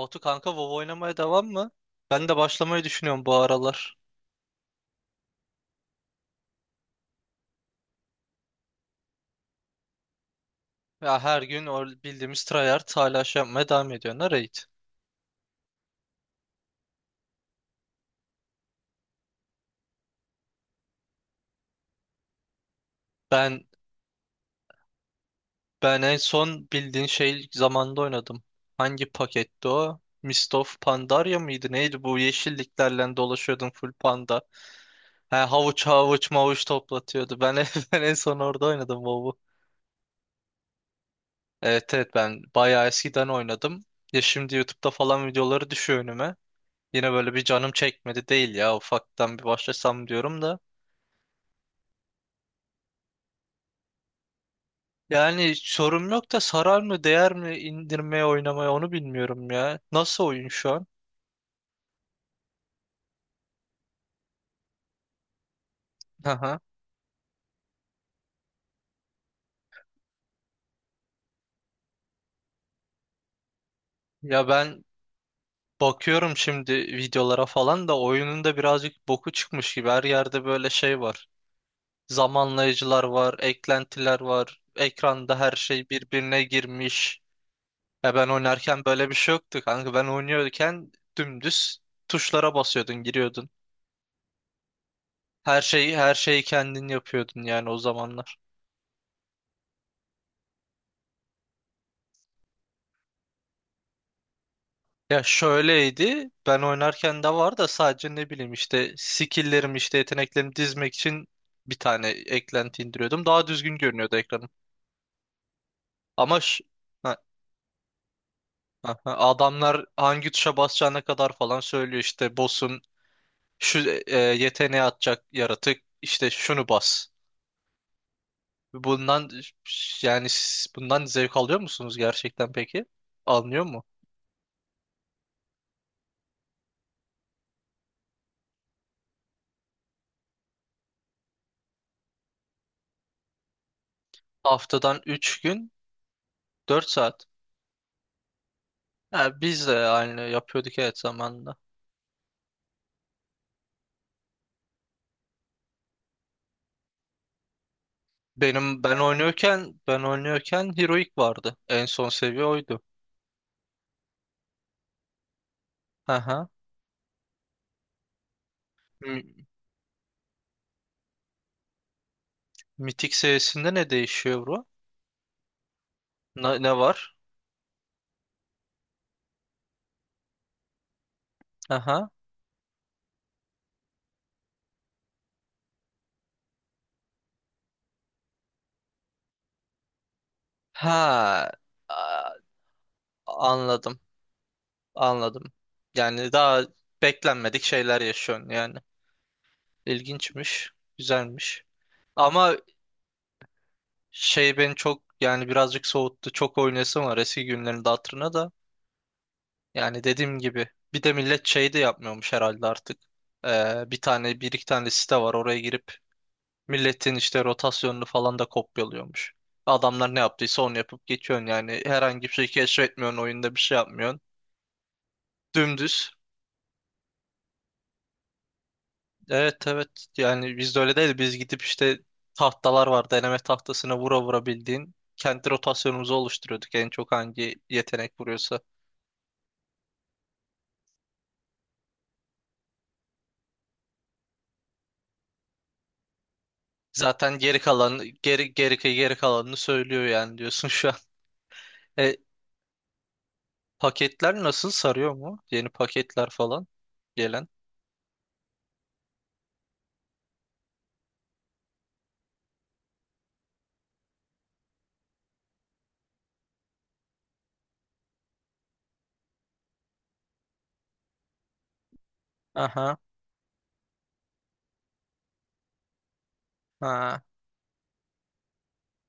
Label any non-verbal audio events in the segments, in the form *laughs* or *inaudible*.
Batu kanka WoW oynamaya devam mı? Ben de başlamayı düşünüyorum bu aralar. Ya her gün o bildiğimiz tryhard hala şey yapmaya devam ediyorlar raid. Ben ben en son bildiğin şey zamanda oynadım. Hangi paketti o? Mist of Pandaria mıydı? Neydi bu yeşilliklerle dolaşıyordum full panda. Ha, havuç havuç mavuç toplatıyordu. *laughs* Ben en son orada oynadım WoW'u. Evet, evet, ben bayağı eskiden oynadım. Ya şimdi YouTube'da falan videoları düşüyor önüme. Yine böyle bir canım çekmedi değil ya ufaktan bir başlasam diyorum da. Yani sorum yok da sarar mı değer mi indirmeye oynamaya onu bilmiyorum ya. Nasıl oyun şu an? Aha. Ya ben bakıyorum şimdi videolara falan da oyunun da birazcık boku çıkmış gibi. Her yerde böyle şey var. Zamanlayıcılar var, eklentiler var. Ekranda her şey birbirine girmiş. Ya ben oynarken böyle bir şey yoktu kanka. Ben oynuyorken dümdüz tuşlara basıyordun, giriyordun. Her şeyi kendin yapıyordun yani o zamanlar. Ya şöyleydi. Ben oynarken de var da sadece ne bileyim işte skill'lerimi işte yeteneklerimi dizmek için bir tane eklenti indiriyordum. Daha düzgün görünüyordu ekranım. Ama ş- ha, ha, ha, adamlar hangi tuşa basacağına kadar falan söylüyor işte boss'un şu yeteneği atacak yaratık işte şunu bas. Bundan yani siz bundan zevk alıyor musunuz gerçekten peki? Alınıyor mu? Haftadan 3 gün 4 saat. Ha, biz de aynı yapıyorduk evet zamanında. Benim ben oynuyorken Heroic vardı. En son seviye oydu. Aha. M- Mitik seviyesinde ne değişiyor bro? Ne var? Aha. Ha. a- Anladım. Anladım. Yani daha beklenmedik şeyler yaşıyorsun yani. İlginçmiş. Güzelmiş. Ama şey beni çok yani birazcık soğuttu. Çok oynayasım var eski günlerin de hatırına da. Yani dediğim gibi bir de millet şey de yapmıyormuş herhalde artık. Bir iki tane site var oraya girip milletin işte rotasyonunu falan da kopyalıyormuş. Adamlar ne yaptıysa onu yapıp geçiyorsun yani herhangi bir şey keşfetmiyorsun oyunda bir şey yapmıyorsun. Dümdüz. Evet, evet, yani bizde öyle değil biz gidip işte tahtalar var deneme tahtasına vura vura bildiğin kendi rotasyonumuzu oluşturuyorduk en çok hangi yetenek vuruyorsa. Zaten geri kalan geri kalanını söylüyor yani diyorsun *laughs* şu an. E, Paketler nasıl sarıyor mu? Yeni paketler falan gelen. Aha. Ha.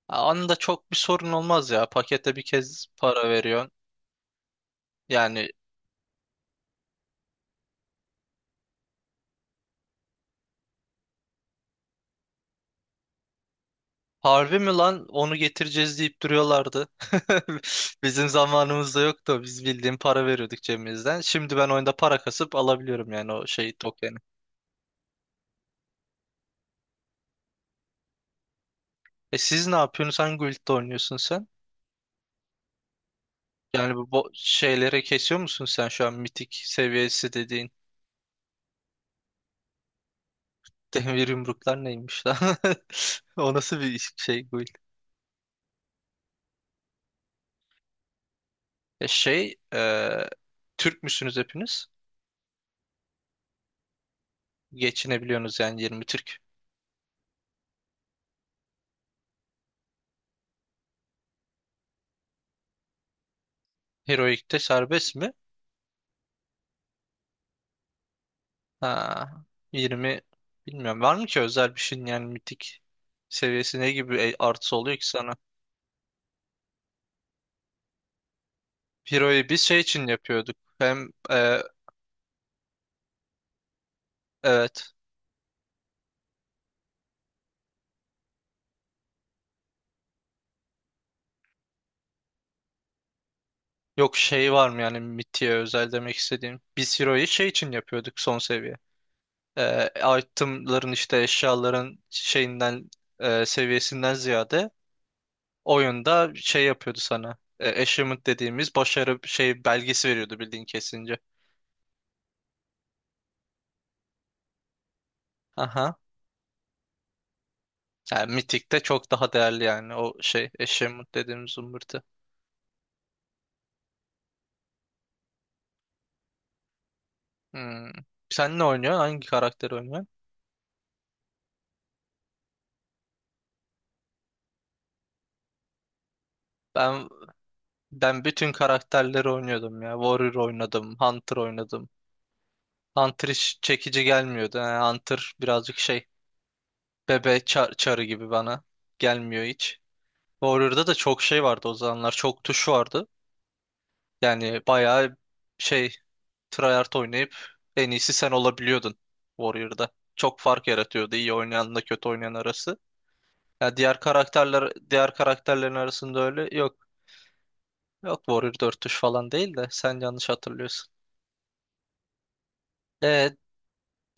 Anında çok bir sorun olmaz ya. Pakete bir kez para veriyorsun. Yani harbi mi lan onu getireceğiz deyip duruyorlardı. *laughs* Bizim zamanımızda yoktu. Biz bildiğin para veriyorduk cebimizden. Şimdi ben oyunda para kasıp alabiliyorum yani o şeyi tokeni. E siz ne yapıyorsunuz? Hangi guild'de oynuyorsun sen? Yani şeylere kesiyor musun sen şu an mitik seviyesi dediğin? Demir yumruklar neymiş lan? *laughs* O nasıl şey bu? E şey, e, Türk müsünüz hepiniz? Geçinebiliyorsunuz yani 20 Türk. Heroik'te serbest mi? Ha, 20 bilmiyorum. Var mı ki özel bir şeyin yani mitik seviyesi ne gibi artısı oluyor ki sana? Hero'yu biz şey için yapıyorduk. Hem evet. Yok şey var mı yani mitiğe özel demek istediğim. Biz Hero'yu şey için yapıyorduk son seviye. e, itemların işte eşyaların şeyinden seviyesinden ziyade oyunda şey yapıyordu sana. Achievement dediğimiz başarı şey belgesi veriyordu bildiğin kesince. Aha. Yani Mythic'te çok daha değerli yani o şey achievement dediğimiz zımbırtı. Hmm. Sen ne oynuyorsun? Hangi karakteri oynuyorsun? Ben ben bütün karakterleri oynuyordum ya. Warrior oynadım, Hunter oynadım. Hunter hiç çekici gelmiyordu. Yani Hunter birazcık şey çarı gibi bana gelmiyor hiç. Warrior'da da çok şey vardı o zamanlar. Çok tuş vardı. Yani bayağı şey tryhard oynayıp en iyisi sen olabiliyordun Warrior'da. Çok fark yaratıyordu iyi oynayanla kötü oynayan arası. Ya diğer karakterlerin arasında öyle yok. Yok Warrior 4 tuş falan değil de sen yanlış hatırlıyorsun. E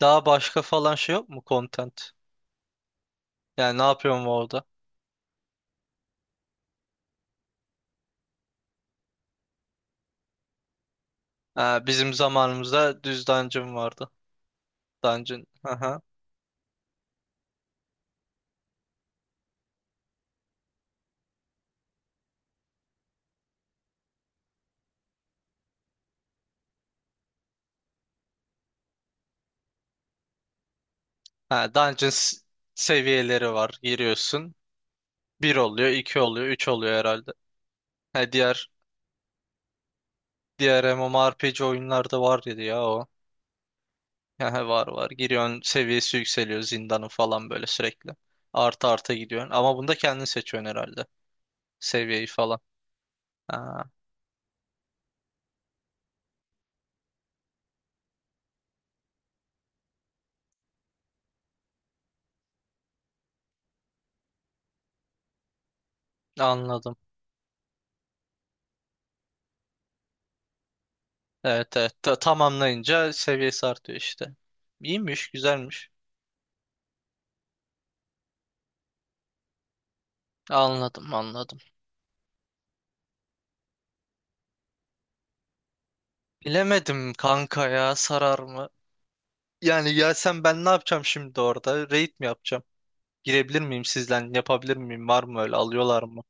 daha başka falan şey yok mu content? Yani ne yapıyorum orada? Ha, bizim zamanımızda düz dungeon vardı. Dungeon. Aha. Ha, seviyeleri var. Giriyorsun. Bir oluyor, iki oluyor, üç oluyor herhalde. Ha, diğer MMORPG oyunlarda var dedi ya o. *laughs* Yani var, var. Giriyorsun seviyesi yükseliyor zindanın falan böyle sürekli. Artı artı gidiyorsun. Ama bunda kendin seçiyorsun herhalde. Seviyeyi falan. Ha, anladım. Evet, evet. Tamamlayınca seviyesi artıyor işte. İyiymiş, güzelmiş. Anladım, anladım. Bilemedim kanka ya sarar mı? Yani ya ben ne yapacağım şimdi orada? Raid mi yapacağım? Girebilir miyim sizden? Yapabilir miyim? Var mı öyle? Alıyorlar mı?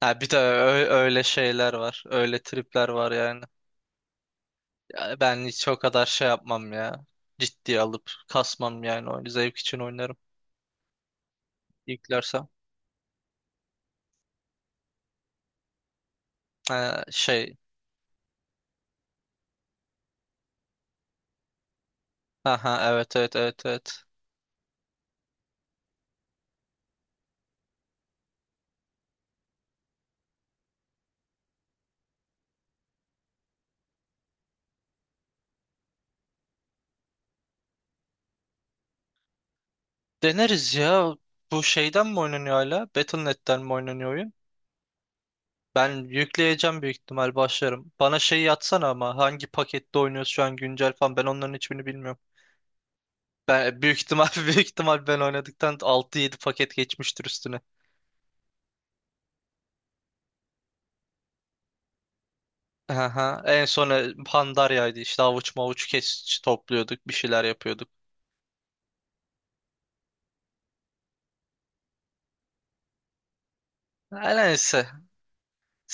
Ha, bir de öyle şeyler var. Öyle tripler var yani. Ya ben hiç o kadar şey yapmam ya. Ciddiye alıp kasmam yani oyunu. Zevk için oynarım. İlklersem. Ha, şey. Aha, evet, evet, evet, evet. Deneriz ya. Bu şeyden mi oynanıyor hala? Battle.net'ten mi oynanıyor oyun? Ben yükleyeceğim büyük ihtimal başlarım. Bana şeyi yatsana ama hangi pakette oynuyoruz şu an güncel falan ben onların hiçbirini bilmiyorum. Ben büyük ihtimal *laughs* büyük ihtimal ben oynadıktan 6-7 paket geçmiştir üstüne. Aha. En sona Pandarya'ydı. İşte avuç mavuç kes topluyorduk, bir şeyler yapıyorduk. Ha, neyse.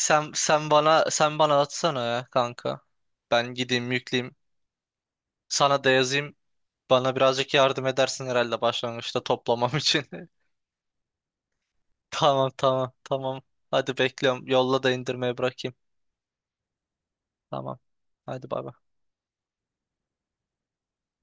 Sen bana atsana ya kanka. Ben gideyim yükleyeyim. Sana da yazayım. Bana birazcık yardım edersin herhalde başlangıçta toplamam için. *laughs* Tamam, tamam, tamam. Hadi bekliyorum. Yolla da indirmeye bırakayım. Tamam. Hadi bay bay.